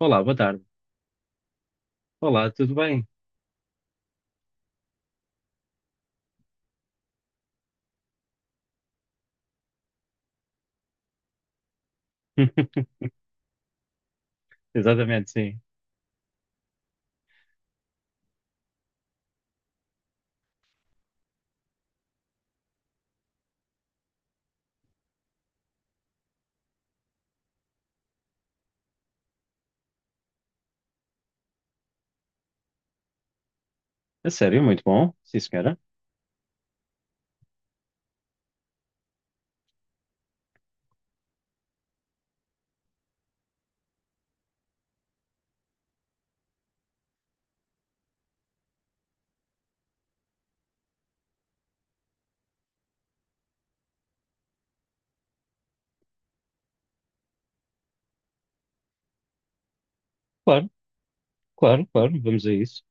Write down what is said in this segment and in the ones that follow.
Olá, boa tarde. Olá, tudo bem? Exatamente, sim. A sério, muito bom. Sim, senhora. Claro, claro, claro, vamos a isso.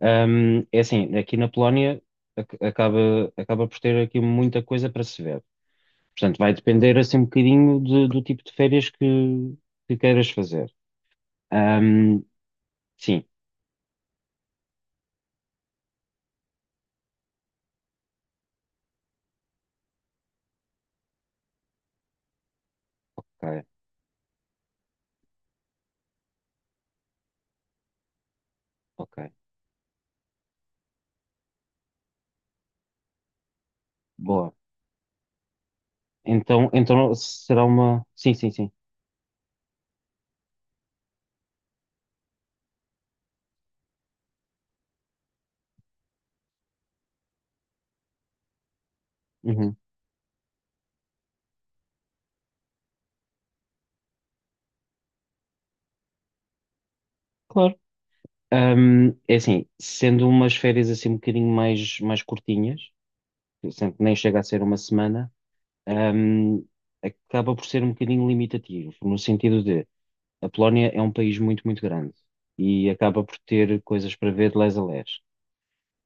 É assim, aqui na Polónia acaba por ter aqui muita coisa para se ver. Portanto, vai depender assim um bocadinho do tipo de férias que queiras fazer. Ahm, sim, ok, ok. Boa. Então, será uma. Sim, sim, sim. Uhum, claro. É assim, sendo umas férias assim um bocadinho mais curtinhas, que sempre nem chega a ser uma semana, hum, acaba por ser um bocadinho limitativo, no sentido de a Polónia é um país muito, muito grande e acaba por ter coisas para ver de lés a lés.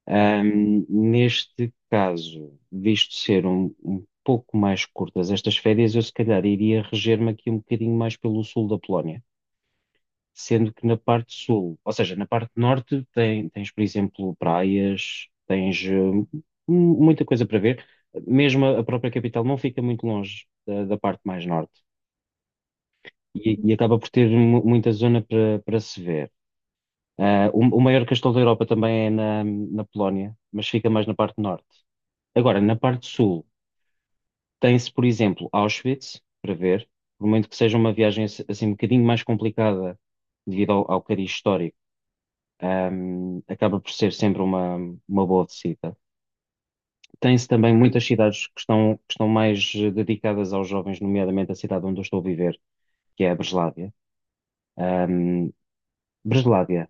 Neste caso, visto ser um pouco mais curtas estas férias, eu se calhar iria reger-me aqui um bocadinho mais pelo sul da Polónia, sendo que na parte sul, ou seja, na parte norte, tens, por exemplo, praias, tens muita coisa para ver. Mesmo a própria capital não fica muito longe da parte mais norte e acaba por ter muita zona para se ver. Ah, o maior castelo da Europa também é na Polónia, mas fica mais na parte norte. Agora, na parte sul, tem-se, por exemplo, Auschwitz para ver, por muito que seja uma viagem assim um bocadinho mais complicada devido ao cariz histórico, acaba por ser sempre uma boa visita. Tem-se também muitas cidades que estão mais, dedicadas aos jovens, nomeadamente a cidade onde eu estou a viver, que é a Breslávia. Ahm, Breslávia,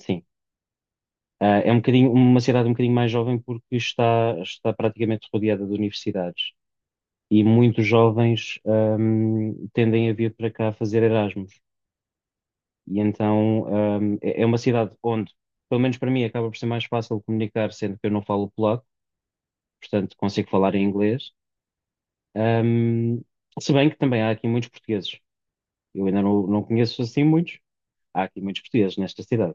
sim. Ah, é um bocadinho, uma cidade um bocadinho mais jovem porque está praticamente rodeada de universidades. E muitos jovens, tendem a vir para cá fazer Erasmus. E então, é uma cidade onde, pelo menos para mim, acaba por ser mais fácil comunicar, sendo que eu não falo polaco, portanto consigo falar em inglês. Ahm, se bem que também há aqui muitos portugueses. Eu ainda não conheço assim muitos. Há aqui muitos portugueses nesta cidade.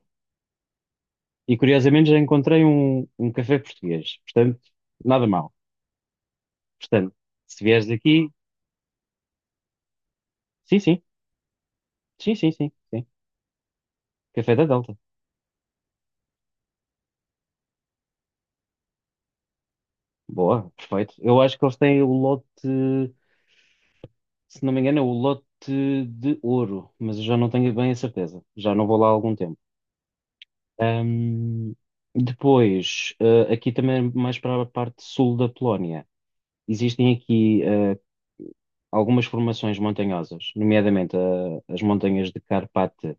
E curiosamente já encontrei um café português. Portanto, nada mal. Portanto, se vieres aqui, sim, sim, sim, sim, sim, sim. Café da Delta. Boa, perfeito. Eu acho que eles têm o lote, se não me engano, é o lote de ouro, mas eu já não tenho bem a certeza. Já não vou lá há algum tempo. Ahm, depois, aqui também é mais para a parte sul da Polónia, existem aqui algumas formações montanhosas, nomeadamente as montanhas de Carpate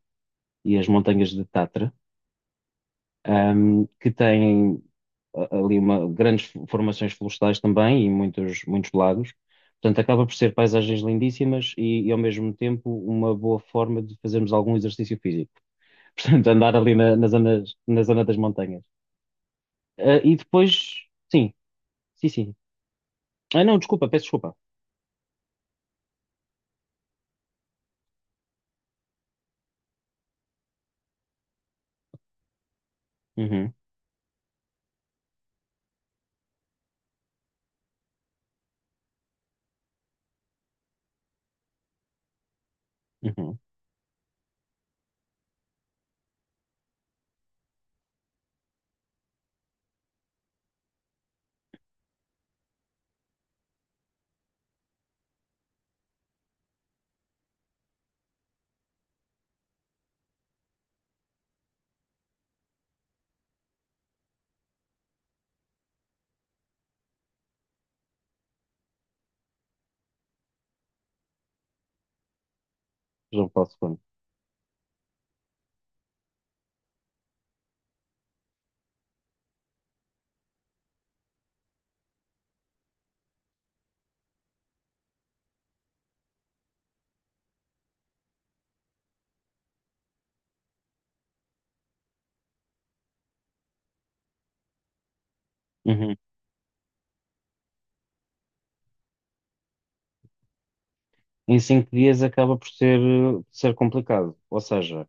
e as montanhas de Tatra, que têm ali grandes formações florestais também e muitos, muitos lagos. Portanto, acaba por ser paisagens lindíssimas e, ao mesmo tempo uma boa forma de fazermos algum exercício físico. Portanto, andar ali na zona das montanhas. Ah, e depois, sim, sim, sim. Ah, não, desculpa, peço desculpa. Uhum, uhum, já me passo quando. Uhum. Em 5 dias acaba por ser complicado, ou seja,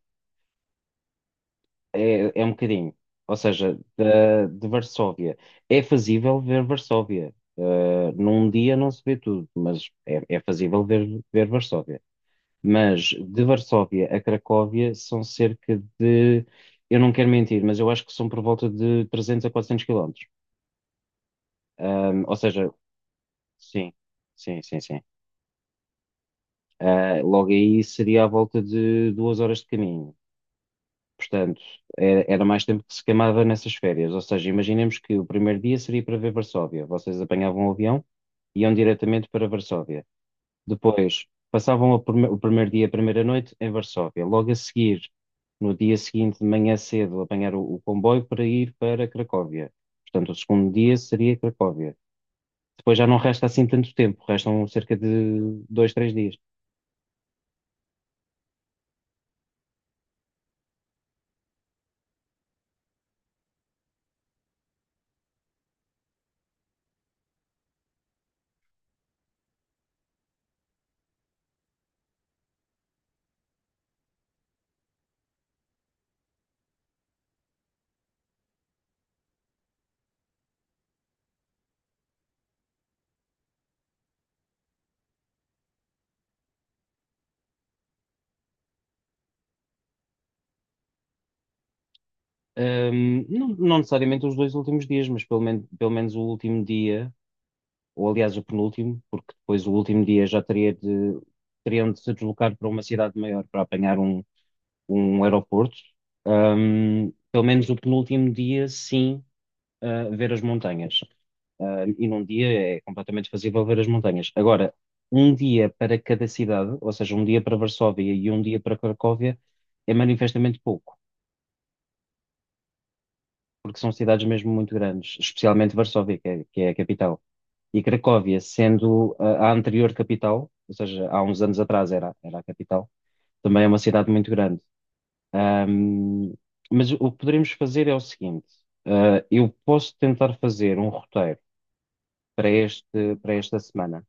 é um bocadinho. Ou seja, de Varsóvia. É fazível ver Varsóvia. Ah, num dia não se vê tudo, mas é fazível ver Varsóvia. Mas de Varsóvia a Cracóvia são cerca de, eu não quero mentir, mas eu acho que são por volta de 300 a 400 quilómetros. Ou seja, sim, sim, sim, sim. Ah, logo aí seria à volta de 2 horas de caminho. Portanto, era mais tempo que se queimava nessas férias. Ou seja, imaginemos que o primeiro dia seria para ver Varsóvia. Vocês apanhavam o avião e iam diretamente para Varsóvia. Depois, passavam o primeiro dia, a primeira noite em Varsóvia. Logo a seguir, no dia seguinte, de manhã cedo, apanhar o comboio para ir para Cracóvia. Portanto, o segundo dia seria Cracóvia. Depois já não resta assim tanto tempo, restam cerca de dois, três dias. Não, não necessariamente os dois últimos dias, mas pelo menos o último dia, ou aliás o penúltimo, porque depois o último dia já teriam de se deslocar para uma cidade maior para apanhar um aeroporto. Pelo menos o penúltimo dia, sim, ah, ver as montanhas. Ah, e num dia é completamente fazível ver as montanhas. Agora, um dia para cada cidade, ou seja, um dia para Varsóvia e um dia para Cracóvia, é manifestamente pouco, porque são cidades mesmo muito grandes, especialmente Varsóvia, que é a capital. E Cracóvia, sendo a anterior capital, ou seja, há uns anos atrás era a capital, também é uma cidade muito grande. Ahm, mas o que poderíamos fazer é o seguinte: ah, eu posso tentar fazer um roteiro para este, para esta semana.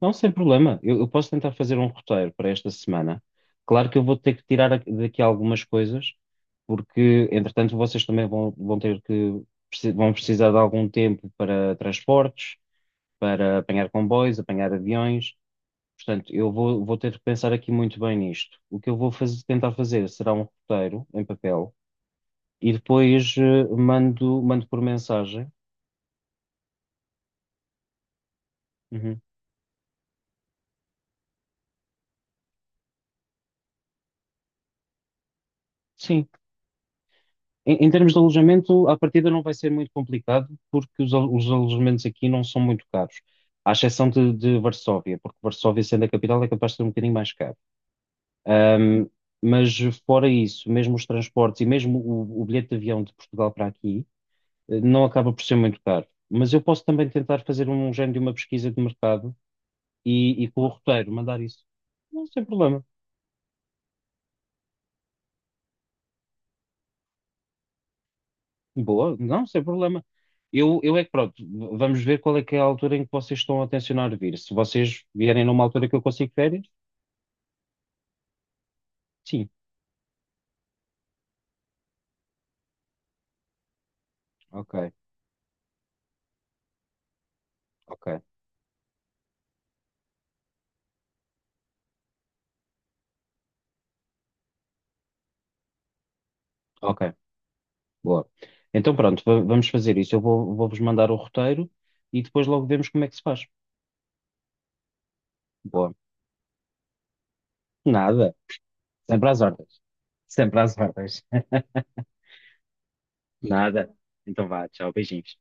Não, sem problema. Eu posso tentar fazer um roteiro para esta semana. Claro que eu vou ter que tirar daqui algumas coisas, porque, entretanto, vocês também vão precisar de algum tempo para transportes, para apanhar comboios, apanhar aviões. Portanto, eu vou ter que pensar aqui muito bem nisto. O que eu vou tentar fazer será um roteiro em papel e depois mando por mensagem. Uhum. Sim. Em termos de alojamento, à partida não vai ser muito complicado, porque os alojamentos aqui não são muito caros, à exceção de Varsóvia, porque Varsóvia, sendo a capital, é capaz de ser um bocadinho mais caro. Ahm, mas fora isso, mesmo os transportes e mesmo o bilhete de avião de Portugal para aqui, não acaba por ser muito caro. Mas eu posso também tentar fazer um género de uma pesquisa de mercado e com o roteiro mandar isso. Não, sem problema. Boa, não, sem problema. Eu é que pronto, vamos ver qual é que é a altura em que vocês estão a tencionar vir. Se vocês vierem numa altura que eu consigo férias, sim. Ok, ok, ok, boa. Então pronto, vamos fazer isso. Eu vou-vos mandar o roteiro e depois logo vemos como é que se faz. Boa. Nada, sempre às ordens. Sempre às ordens. Nada. Então vá, tchau, beijinhos.